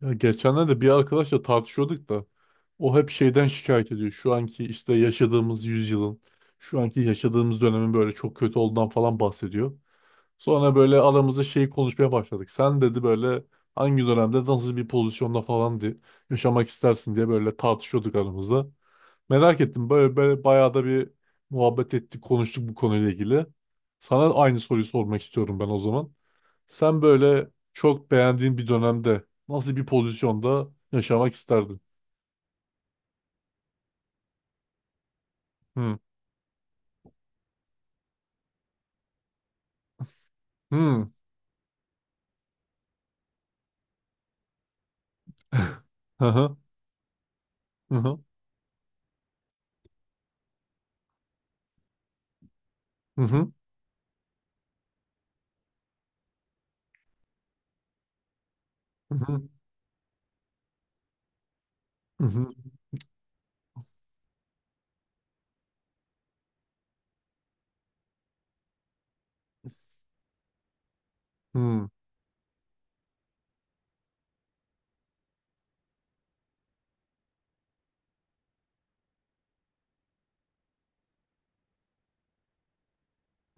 Ya geçenlerde bir arkadaşla tartışıyorduk da o hep şeyden şikayet ediyor. Şu anki işte yaşadığımız yüzyılın, şu anki yaşadığımız dönemin böyle çok kötü olduğundan falan bahsediyor. Sonra böyle aramızda şeyi konuşmaya başladık. Sen dedi böyle hangi dönemde nasıl bir pozisyonda falan diye yaşamak istersin diye böyle tartışıyorduk aramızda. Merak ettim böyle bayağı da bir muhabbet ettik, konuştuk bu konuyla ilgili. Sana aynı soruyu sormak istiyorum ben o zaman. Sen böyle çok beğendiğin bir dönemde nasıl bir pozisyonda yaşamak isterdin? Hı. Hı. Hı hı. Hı hı. Hı hı. Hı hı. Hı hı. Hı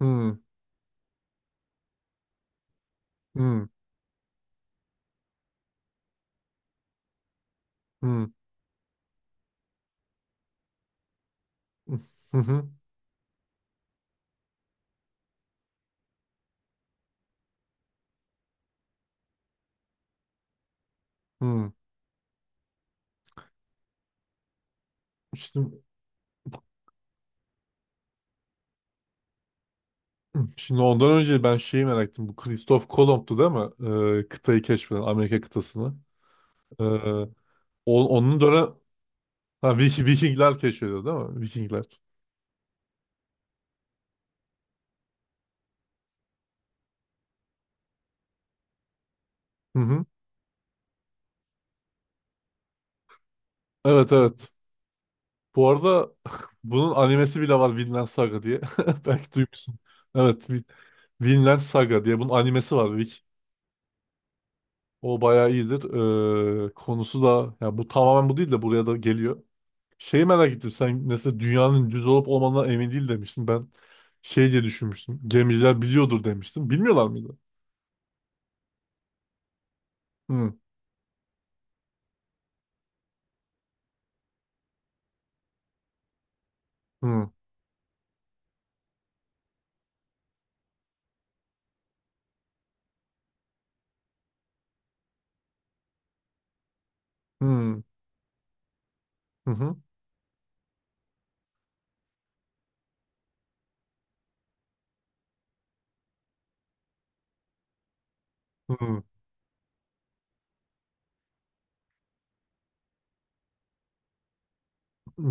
hı. Hı hı. Hı. Şimdi, şimdi, ondan önce ben şeyi merak ettim. Bu Christoph Kolomb'tu değil mi? Kıtayı keşfeden, Amerika kıtasını. Ee, onun dönem... Ha, Vikingler keşfediyor değil mi? Vikingler. Hı hı. Evet evet. Bu arada bunun animesi bile var Vinland Saga diye. Belki duymuşsun. Evet, Vinland Saga diye bunun animesi var Vik. O bayağı iyidir. Konusu da ya bu tamamen bu değil de buraya da geliyor. Şeyi merak ettim. Sen mesela dünyanın düz olup olmadığına emin değil demiştin. Ben şey diye düşünmüştüm. Gemiciler biliyordur demiştim. Bilmiyorlar mıydı? Hı hı hı hı hı. Hı.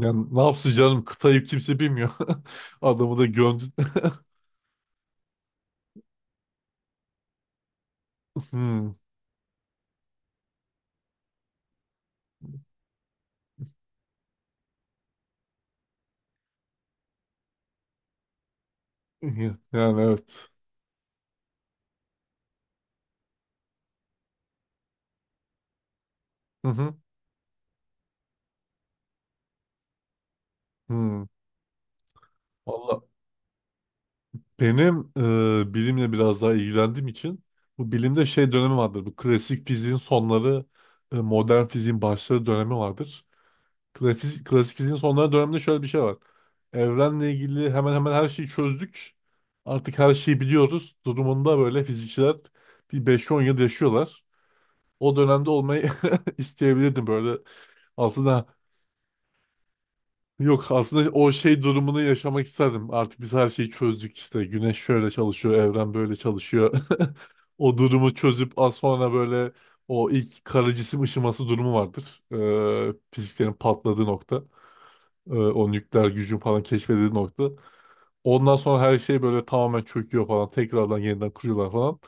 Yani ne yapsın canım kıtayı kimse bilmiyor. Adamı da gömdü. Hı. Yani evet. Hı hı. Hmm. Valla, benim bilimle biraz daha ilgilendiğim için bu bilimde şey dönemi vardır. Bu klasik fiziğin sonları, modern fiziğin başları dönemi vardır. Klasik fiziğin sonları döneminde şöyle bir şey var. Evrenle ilgili hemen hemen her şeyi çözdük. Artık her şeyi biliyoruz. Durumunda böyle fizikçiler bir beş on yıl yaşıyorlar. O dönemde olmayı isteyebilirdim böyle. Aslında. Yok, aslında o şey durumunu yaşamak isterdim. Artık biz her şeyi çözdük işte. Güneş şöyle çalışıyor, evren böyle çalışıyor. O durumu çözüp az sonra böyle o ilk kara cisim ışıması durumu vardır. Fiziklerin patladığı nokta. O nükleer gücün falan keşfedildiği nokta. Ondan sonra her şey böyle tamamen çöküyor falan. Tekrardan yeniden kuruyorlar falan.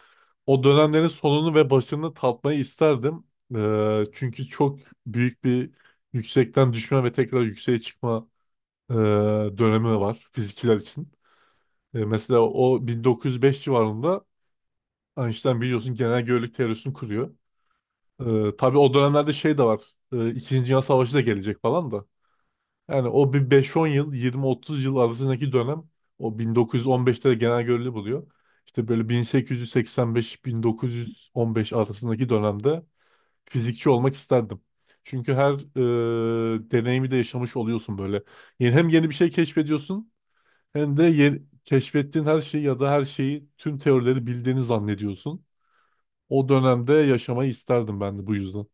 O dönemlerin sonunu ve başını tatmayı isterdim. Çünkü çok büyük bir yüksekten düşme ve tekrar yükseğe çıkma e, dönemi var fizikçiler için. Mesela o 1905 civarında Einstein biliyorsun genel görelilik teorisini kuruyor. Tabii o dönemlerde şey de var. İkinci Dünya Savaşı da gelecek falan da. Yani o bir beş on yıl, 20-30 yıl arasındaki dönem o 1915'te de genel görelilik buluyor. İşte böyle 1885-1915 arasındaki dönemde fizikçi olmak isterdim. Çünkü her deneyimi de yaşamış oluyorsun böyle. Yani hem yeni bir şey keşfediyorsun hem de yeni, keşfettiğin her şeyi ya da her şeyi tüm teorileri bildiğini zannediyorsun. O dönemde yaşamayı isterdim ben de bu yüzden.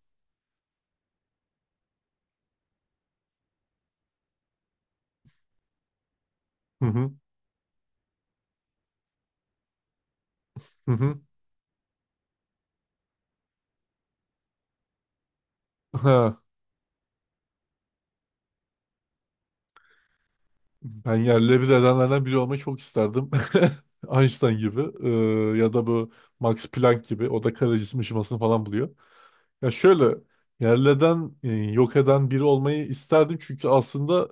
Hı hı. Hı hı. Ha. Ben yerle bir edenlerden biri olmayı çok isterdim. Einstein gibi ya da bu Max Planck gibi o da kara cisim ışımasını falan buluyor. Ya şöyle yerle eden, yok eden biri olmayı isterdim çünkü aslında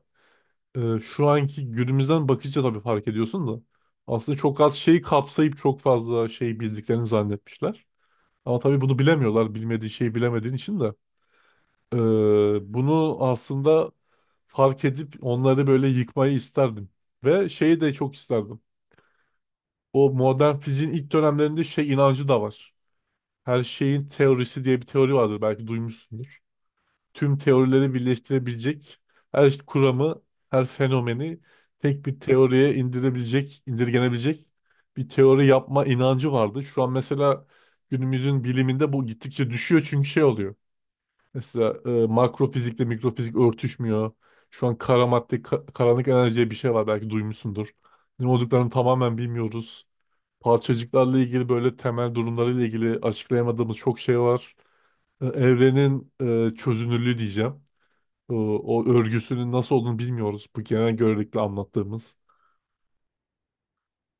şu anki günümüzden bakınca tabii fark ediyorsun da aslında çok az şeyi kapsayıp çok fazla şey bildiklerini zannetmişler. Ama tabii bunu bilemiyorlar. Bilmediği şeyi bilemediğin için de. Bunu aslında fark edip onları böyle yıkmayı isterdim. Ve şeyi de çok isterdim. O modern fiziğin ilk dönemlerinde şey inancı da var. Her şeyin teorisi diye bir teori vardır. Belki duymuşsundur. Tüm teorileri birleştirebilecek, her kuramı, her fenomeni tek bir teoriye indirebilecek, indirgenebilecek bir teori yapma inancı vardı. Şu an mesela günümüzün biliminde bu gittikçe düşüyor çünkü şey oluyor. Mesela makro fizikle mikrofizik örtüşmüyor. Şu an kara madde, karanlık enerji diye bir şey var belki duymuşsundur. Ne olduklarını tamamen bilmiyoruz. Parçacıklarla ilgili böyle temel durumlarıyla ilgili açıklayamadığımız çok şey var. Evrenin çözünürlüğü diyeceğim. O örgüsünün nasıl olduğunu bilmiyoruz. Bu genel görelilikle anlattığımız.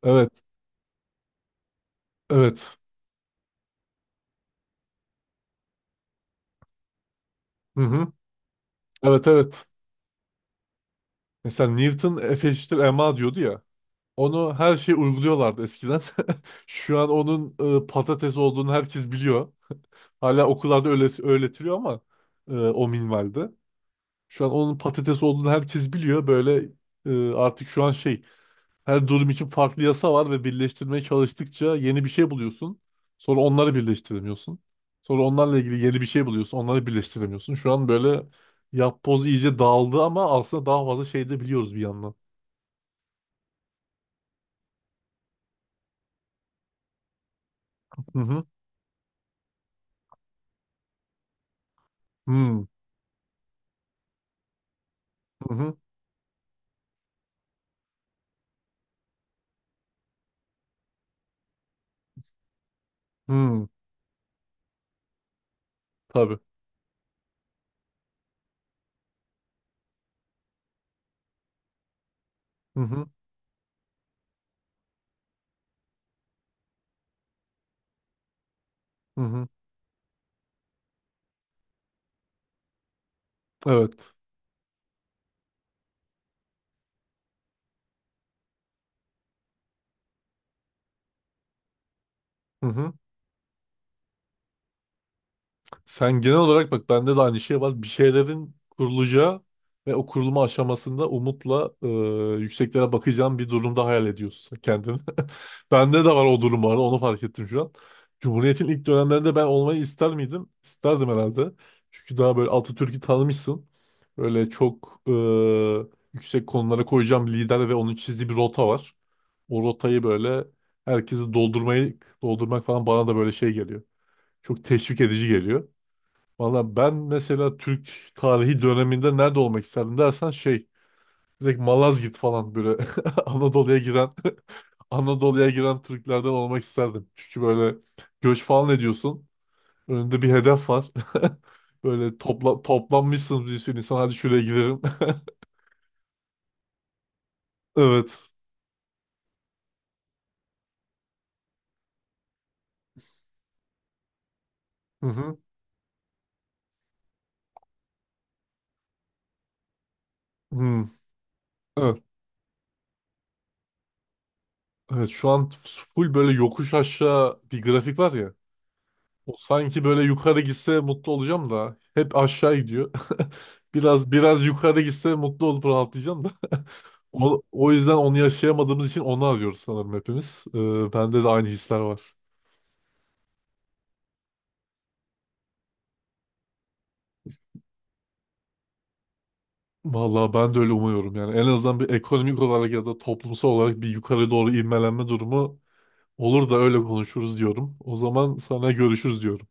Evet, evet. Hı hı. Evet, evet. Mesela Newton F eşittir ma diyordu ya. Onu her şey uyguluyorlardı eskiden. Şu an onun patates olduğunu herkes biliyor. Hala okullarda öyle öğretiliyor ama o minvalde. Şu an onun patates olduğunu herkes biliyor. Böyle artık şu an şey her durum için farklı yasa var ve birleştirmeye çalıştıkça yeni bir şey buluyorsun. Sonra onları birleştiremiyorsun. Sonra onlarla ilgili yeni bir şey buluyorsun. Onları birleştiremiyorsun. Şu an böyle yapboz iyice dağıldı ama aslında daha fazla şey de biliyoruz bir yandan. Hı hı. Hı hı. Hı. Tabii. Hı hı, hı hı. Evet. Hı hı. Sen genel olarak bak bende de aynı şey var. Bir şeylerin kurulacağı ve o kurulma aşamasında umutla yükseklere bakacağın bir durumda hayal ediyorsun sen kendini. Bende de var o durum var. Onu fark ettim şu an. Cumhuriyet'in ilk dönemlerinde ben olmayı ister miydim? İsterdim herhalde. Çünkü daha böyle Atatürk'ü tanımışsın. Böyle çok yüksek konulara koyacağım lider ve onun çizdiği bir rota var. O rotayı böyle herkesi doldurmak falan bana da böyle şey geliyor. Çok teşvik edici geliyor. Valla ben mesela Türk tarihi döneminde nerede olmak isterdim dersen şey direkt Malazgirt falan böyle Anadolu'ya giren Anadolu'ya giren Türklerden olmak isterdim. Çünkü böyle göç falan ediyorsun. Önünde bir hedef var. Böyle toplanmışsınız bir sürü insan hadi şuraya gidelim. Evet. Hı hı. Hmm. Evet. Evet şu an full böyle yokuş aşağı bir grafik var ya. O sanki böyle yukarı gitse mutlu olacağım da hep aşağı gidiyor. Biraz biraz yukarı gitse mutlu olup rahatlayacağım da. O yüzden onu yaşayamadığımız için onu arıyoruz sanırım hepimiz. Bende de aynı hisler var. Vallahi ben de öyle umuyorum yani. En azından bir ekonomik olarak ya da toplumsal olarak bir yukarı doğru ivmelenme durumu olur da öyle konuşuruz diyorum. O zaman sana görüşürüz diyorum.